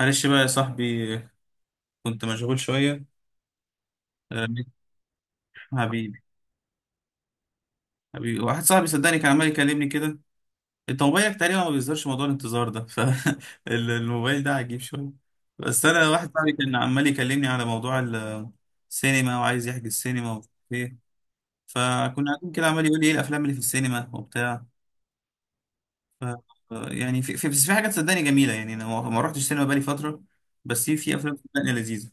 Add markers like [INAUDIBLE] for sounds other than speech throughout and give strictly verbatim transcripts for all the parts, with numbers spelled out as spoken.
معلش بقى يا صاحبي، كنت مشغول شوية. آه، حبيبي حبيبي واحد صاحبي صدقني كان عمال يكلمني كده. انت موبايلك تقريبا ما بيظهرش موضوع الانتظار ده، فالموبايل [LAUGHS] ده عجيب شوية. بس انا واحد صاحبي كان عمال يكلمني على موضوع السينما، وعايز يحجز سينما وفيه. فكنا قاعدين كده عمال يقول لي ايه الافلام اللي في السينما وبتاع. ف يعني في في- بس في حاجات صدقني جميلة، يعني انا ما ما رحتش سينما بقالي فترة، بس في في افلام صدقني لذيذة.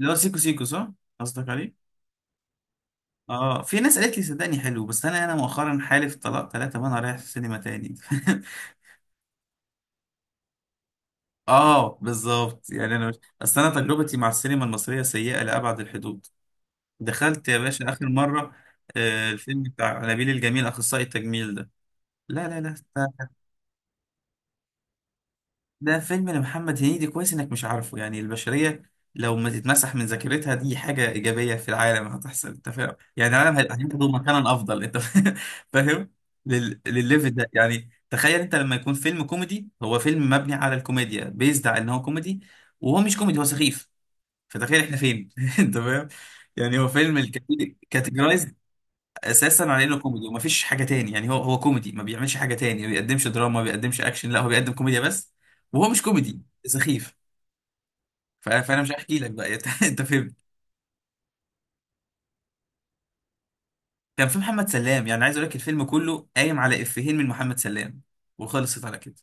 اللي هو سيكو سيكو صح، قصدك عليه. اه، في ناس قالت لي صدقني حلو، بس انا انا مؤخرا حالف طلاق ثلاثة وانا رايح السينما تاني. [LAUGHS] اه بالظبط، يعني انا مش. اصل انا تجربتي مع السينما المصرية سيئة لأبعد الحدود. دخلت يا باشا اخر مرة آه الفيلم بتاع نبيل الجميل اخصائي التجميل ده. لا لا لا ده فيلم لمحمد هنيدي، كويس انك مش عارفه. يعني البشرية لو ما تتمسح من ذاكرتها دي حاجة إيجابية في العالم هتحصل، انت فاهم؟ يعني العالم هيبقى هياخده مكانا أفضل انت [LAUGHS] فاهم. لل... للليفل ده. يعني تخيل انت لما يكون فيلم كوميدي، هو فيلم مبني على الكوميديا، بيزد على ان هو كوميدي وهو مش كوميدي، هو سخيف. فتخيل احنا فين [LAUGHS] انت فاهم. يعني هو فيلم اساسا على انه كوميدي ومفيش حاجه تاني. يعني هو هو كوميدي، ما بيعملش حاجه تاني، ما بيقدمش دراما، ما بيقدمش اكشن، لا هو بيقدم كوميديا بس، وهو مش كوميدي، سخيف. ف- فانا مش هحكي لك بقى، [LAUGHS] انت أنت فهمت. كان في محمد سلام، يعني عايز اقول لك الفيلم كله قايم على افيهين من محمد سلام، وخلصت على كده.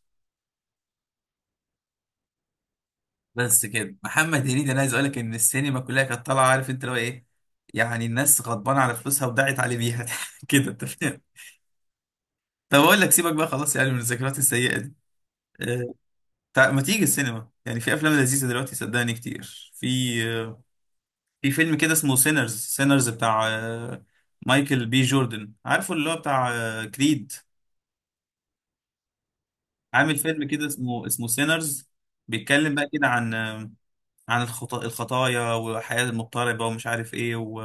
بس كده محمد هنيدي، انا عايز اقول لك ان السينما كلها كانت طالعه، عارف انت لو ايه؟ يعني الناس غضبانه على فلوسها ودعت عليه بيها، [LAUGHS] كده انت فاهم. طب اقول لك سيبك بقى خلاص يعني من الذكريات السيئه دي. آه، تع- ما تيجي السينما؟ يعني في افلام لذيذه دلوقتي صدقني كتير. في في فيلم كده اسمه سينرز، سينرز بتاع آه، مايكل بي جوردن. عارفه اللي هو بتاع آه، كريد؟ عامل فيلم كده اسمه اسمه سينرز، بيتكلم بقى كده عن آه، عن الخط- الخطايا والحياه المضطربه ومش عارف ايه و...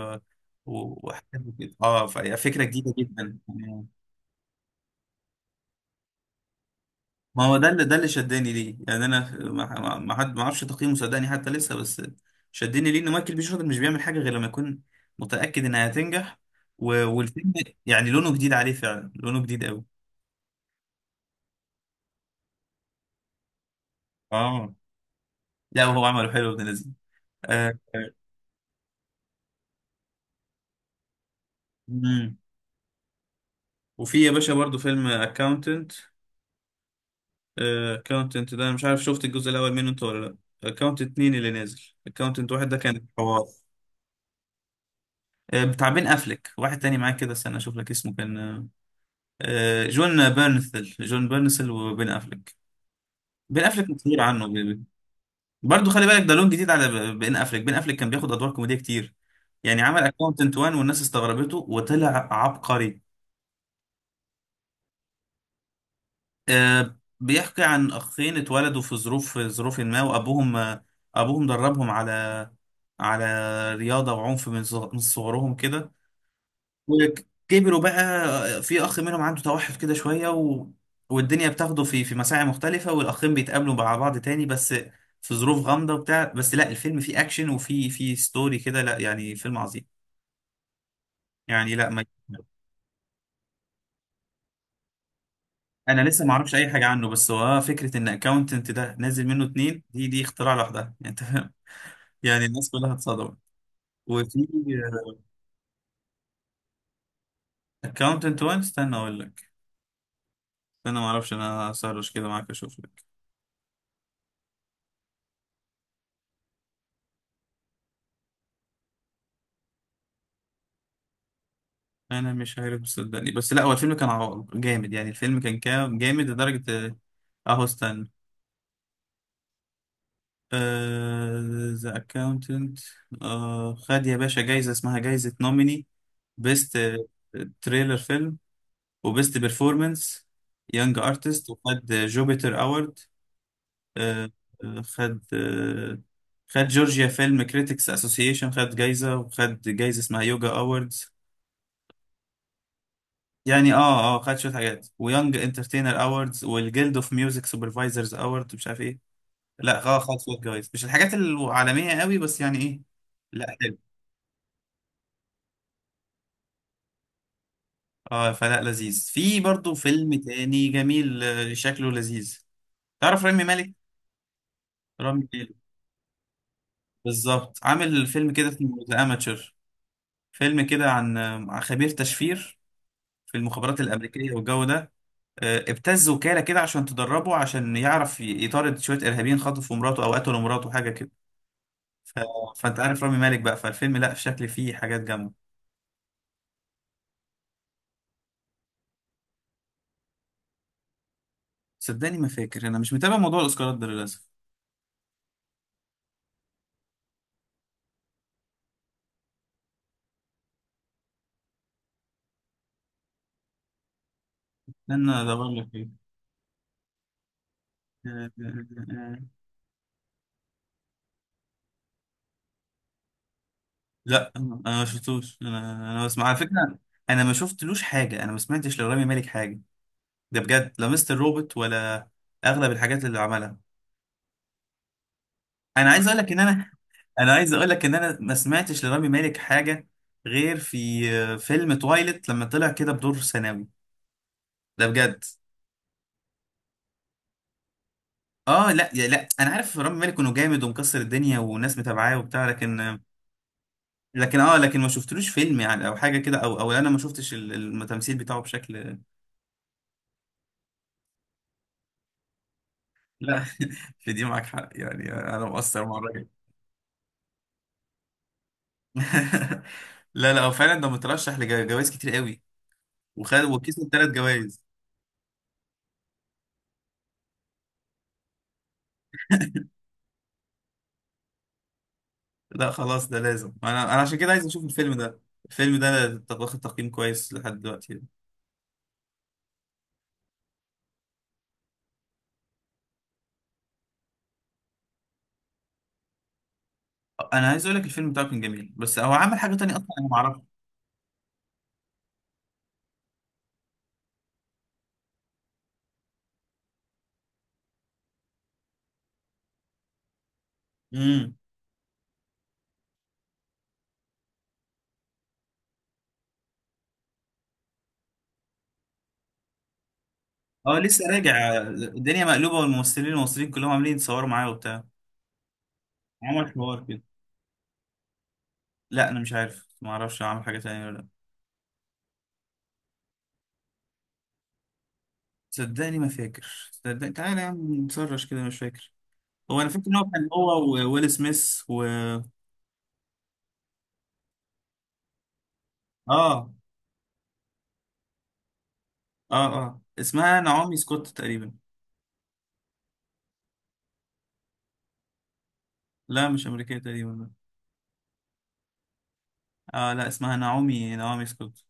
و- وحاجات كده. اه، فهي فكره جديده جدا يعني. ما هو ده اللي ده اللي شداني ليه. يعني انا في- ما ما- ما حد، ما اعرفش تقييمه صدقني حتى لسه، بس شدني ليه ان مايكل بي جوردن مش بيعمل حاجه غير لما يكون متاكد انها هتنجح. و... والفيلم يعني لونه جديد عليه فعلا، لونه جديد قوي. اه لا، وهو عمله حلو ابن لذيذ. آه. مم. وفي يا باشا برضو فيلم اكاونتنت. اكاونتنت ده انا مش عارف شفت الجزء الاول منه انت ولا لا. اكاونتنت اتنين اللي نازل، اكاونتنت واحد ده كان حوار آه، بتاع بين افلك، واحد تاني معاه كده، استنى اشوف لك اسمه كان آه، آه، جون بيرنثل. جون بيرنثل وبين افليك. بين افليك كتير عنه بي- برضو خلي بالك ده لون جديد على ب- بين افليك. بين افليك كان بياخد ادوار كوميديه كتير، يعني عمل اكاونتنت وان والناس استغربته وطلع عبقري. آه، بيحكي عن اخين اتولدوا في ظروف في ظروف ما، وابوهم آه، ابوهم دربهم على على رياضه وعنف من صغ- من صغرهم كده، وكبروا بقى. في اخ منهم عنده توحد كده شويه، و... والدنيا بتاخده في في مساعي مختلفه، والاخين بيتقابلوا مع بعض تاني بس في ظروف غامضه وبتاع. بس لا الفيلم فيه اكشن وفيه في ستوري كده، لا يعني فيلم عظيم. يعني لا، ما انا لسه ما اعرفش اي حاجه عنه، بس هو فكره ان اكاونتنت ده نازل منه اتنين دي دي اختراع لوحدها، [LAUGHS] يعني انت فاهم. يعني الناس كلها اتصدمت. وفي اكاونتنت واحد، استنى اقول لك، استنى، ما اعرفش، انا هسرش كده معاك اشوف لك. انا مش عارف صدقني، بس لا هو الفيلم كان عو- جامد، يعني الفيلم كان كا- جامد لدرجة. اهو استنى، ذا اكاونتنت. خد يا باشا جايزة اسمها جايزة نوميني بيست تريلر فيلم، وبيست بيرفورمانس يونج ارتست، وخد جوبيتر اوورد، خد آه، خد جورجيا فيلم كريتكس اسوسيشن خد جايزة، وخد جايزة اسمها يوجا اووردز. يعني اه اه خد شويه حاجات، ويونج انترتينر اووردز، والجيلد اوف ميوزك سوبرفايزرز اوورد مش عارف ايه. لا اه خد شويه جوايز، مش الحاجات العالميه قوي، بس يعني ايه. لا حلو. اه فلا، لذيذ. في برضو فيلم تاني جميل آه، شكله لذيذ. تعرف رامي مالك؟ رامي مالك بالظبط. عامل فيلم كده اسمه ذا اماتشر، فيلم كده عن آه، عن خبير تشفير في المخابرات الامريكيه والجو ده. آه، ابتز وكاله كده عشان تدربه عشان يعرف ي- يطارد شويه ارهابيين خطفوا مراته او قتلوا مراته حاجه كده. ف... فانت عارف رامي مالك بقى. فالفيلم لا شكل فيه حاجات جامده. صدقني ما فاكر، انا مش متابع موضوع الاوسكارات ده للاسف. انا ادور لك ايه. لا انا ما شفتوش، انا انا بسمع على فكره. انا ما شفتلوش حاجه، انا ما سمعتش لرامي مالك حاجه، ده بجد، لا مستر روبوت ولا اغلب الحاجات اللي عملها. انا عايز اقول لك ان انا انا عايز اقول لك ان انا ما سمعتش لرامي مالك حاجه غير في آه، فيلم تويلت لما طلع كده بدور ثانوي، ده بجد. اه لا يا لا، انا عارف رامي مالك انه جامد ومكسر الدنيا وناس متابعاه وبتاع، لكن، لكن اه لكن ما شفتلوش فيلم يعني، او حاجه كده، او او انا ما شفتش ال- ال- التمثيل بتاعه بشكل. لا، [LAUGHS] في دي معاك حق، يعني انا مقصر مع الراجل. [LAUGHS] لا لا هو فعلا ده مترشح لجوائز كتير قوي، وخد وكسب ثلاث جوائز. لا خلاص ده لازم، انا انا عشان كده عايز اشوف الفيلم ده. الفيلم ده واخد تقييم كويس لحد دلوقتي. انا عايز اقول لك الفيلم بتاعه كان جميل، بس هو عمل حاجه تانية اصلا انا ما اعرفها. اه لسه راجع الدنيا مقلوبه، والممثلين المصريين كلهم عاملين يتصوروا معايا وبتاع. عمل حوار كده، لا انا مش عارف، ما اعرفش عمل حاجه تانية ولا لا. صدقني ما فاكر، صدقني تعالى يا عم نسرش كده، مش فاكر. هو انا فاكر ان هو كان هو وويل سميث و اه اه اه اسمها نعومي سكوت تقريبا. لا مش امريكيه تقريبا. اه لا اسمها نعومي، نعومي سكوت.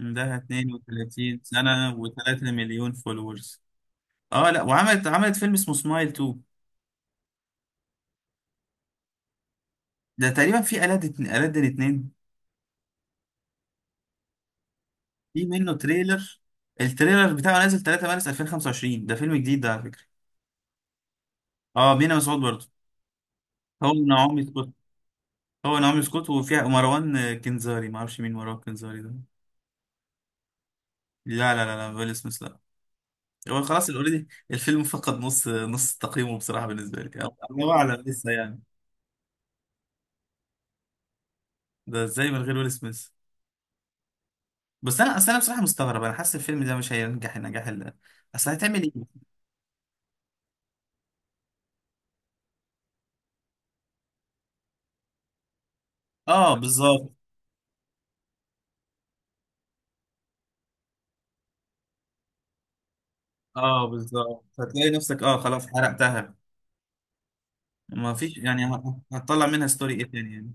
عندها اتنين وثلاثين سنه و3 مليون فولورز. اه لا، وعملت، عملت فيلم اسمه سمايل اتنين، ده تقريبا في ألاد اتنين ألاد اتنين. في منه تريلر، التريلر بتاعه نازل تلاتة مارس الفين وخمسة وعشرين، ده فيلم جديد ده على فكرة. اه بينا مسعود برضه. هو نعومي سكوت، هو نعومي سكوت وفيها مروان كنزاري، ما اعرفش مين مروان كنزاري ده. لا لا لا لا ويل سميث لا. هو خلاص اوريدي الفيلم فقد نص نص تقييمه بصراحة بالنسبة لي. الله اعلم لسه يعني، ده ازاي من غير ويل سميث؟ بس انا اصل انا بصراحة مستغرب، انا حاسس الفيلم ده مش هينجح النجاح اللي، اصل هتعمل ايه. اه بالظبط، اه بالظبط، هتلاقي نفسك اه خلاص حرقتها. ما فيش يعني، ه- هتطلع منها ستوري ايه تاني يعني.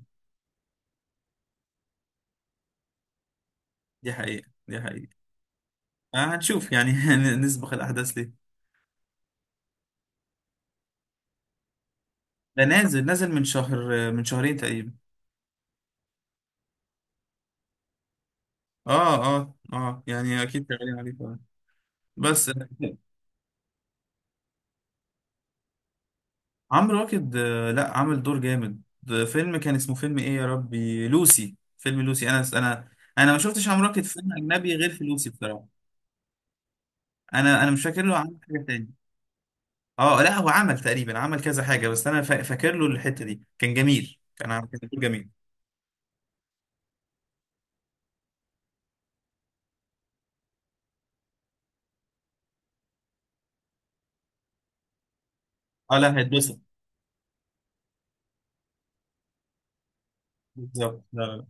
دي حقيقة، دي حقيقة. آه هنشوف يعني، [LAUGHS] نسبق الأحداث ليه. ده نازل، نازل من شهر، من شهرين تقريبا. اه اه اه يعني اكيد شغالين عليه فعلا. بس عمرو واكد آه، لا عامل دور جامد، ده فيلم كان اسمه فيلم ايه يا ربي، لوسي، فيلم لوسي. انا انا انا ما شفتش عمرو واكد في فيلم اجنبي غير في لوسي بصراحة. انا انا مش فاكر له عمل حاجة تاني. اه لا هو عمل تقريبا، عمل كذا حاجة، بس انا فا- فاكر له الحتة دي، كان جميل، كان عامل، كان دور جميل. اه لا هيتبسط. بالظبط. لا لا لا.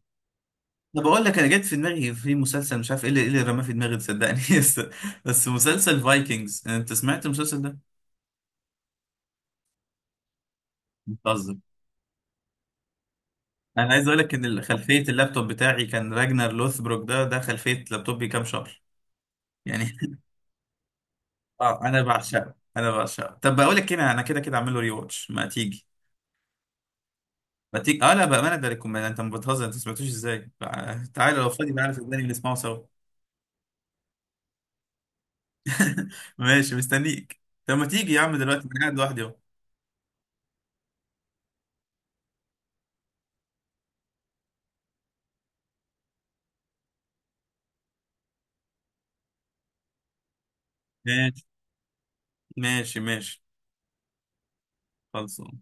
انا بقول لك، انا جت في دماغي في مسلسل مش عارف ايه اللي، إيه اللي رماه في دماغي صدقني، [LAUGHS] بس بس مسلسل فايكنجز، انت سمعت المسلسل ده؟ بتهزر. انا عايز اقول لك ان ال- خلفيه اللابتوب بتاعي كان راجنر لوثبروك، ده ده خلفيه لابتوبي كام شهر يعني. [LAUGHS] اه انا بعشقه، انا بعشقه. طب بقول لك كده، انا كده كده اعمل له ري واتش، ما تيجي، ما تيجي. اه لا بامانه ده ريكومند، انت ما بتهزر، انت ما سمعتوش ازاي. تع- تعالى لو فاضي، تعالى صدقني نسمعه سوا. [LAUGHS] ماشي مستنيك. طب ما تيجي يا عم دلوقتي انا قاعد لوحدي اهو. ماشي ماشي. خلص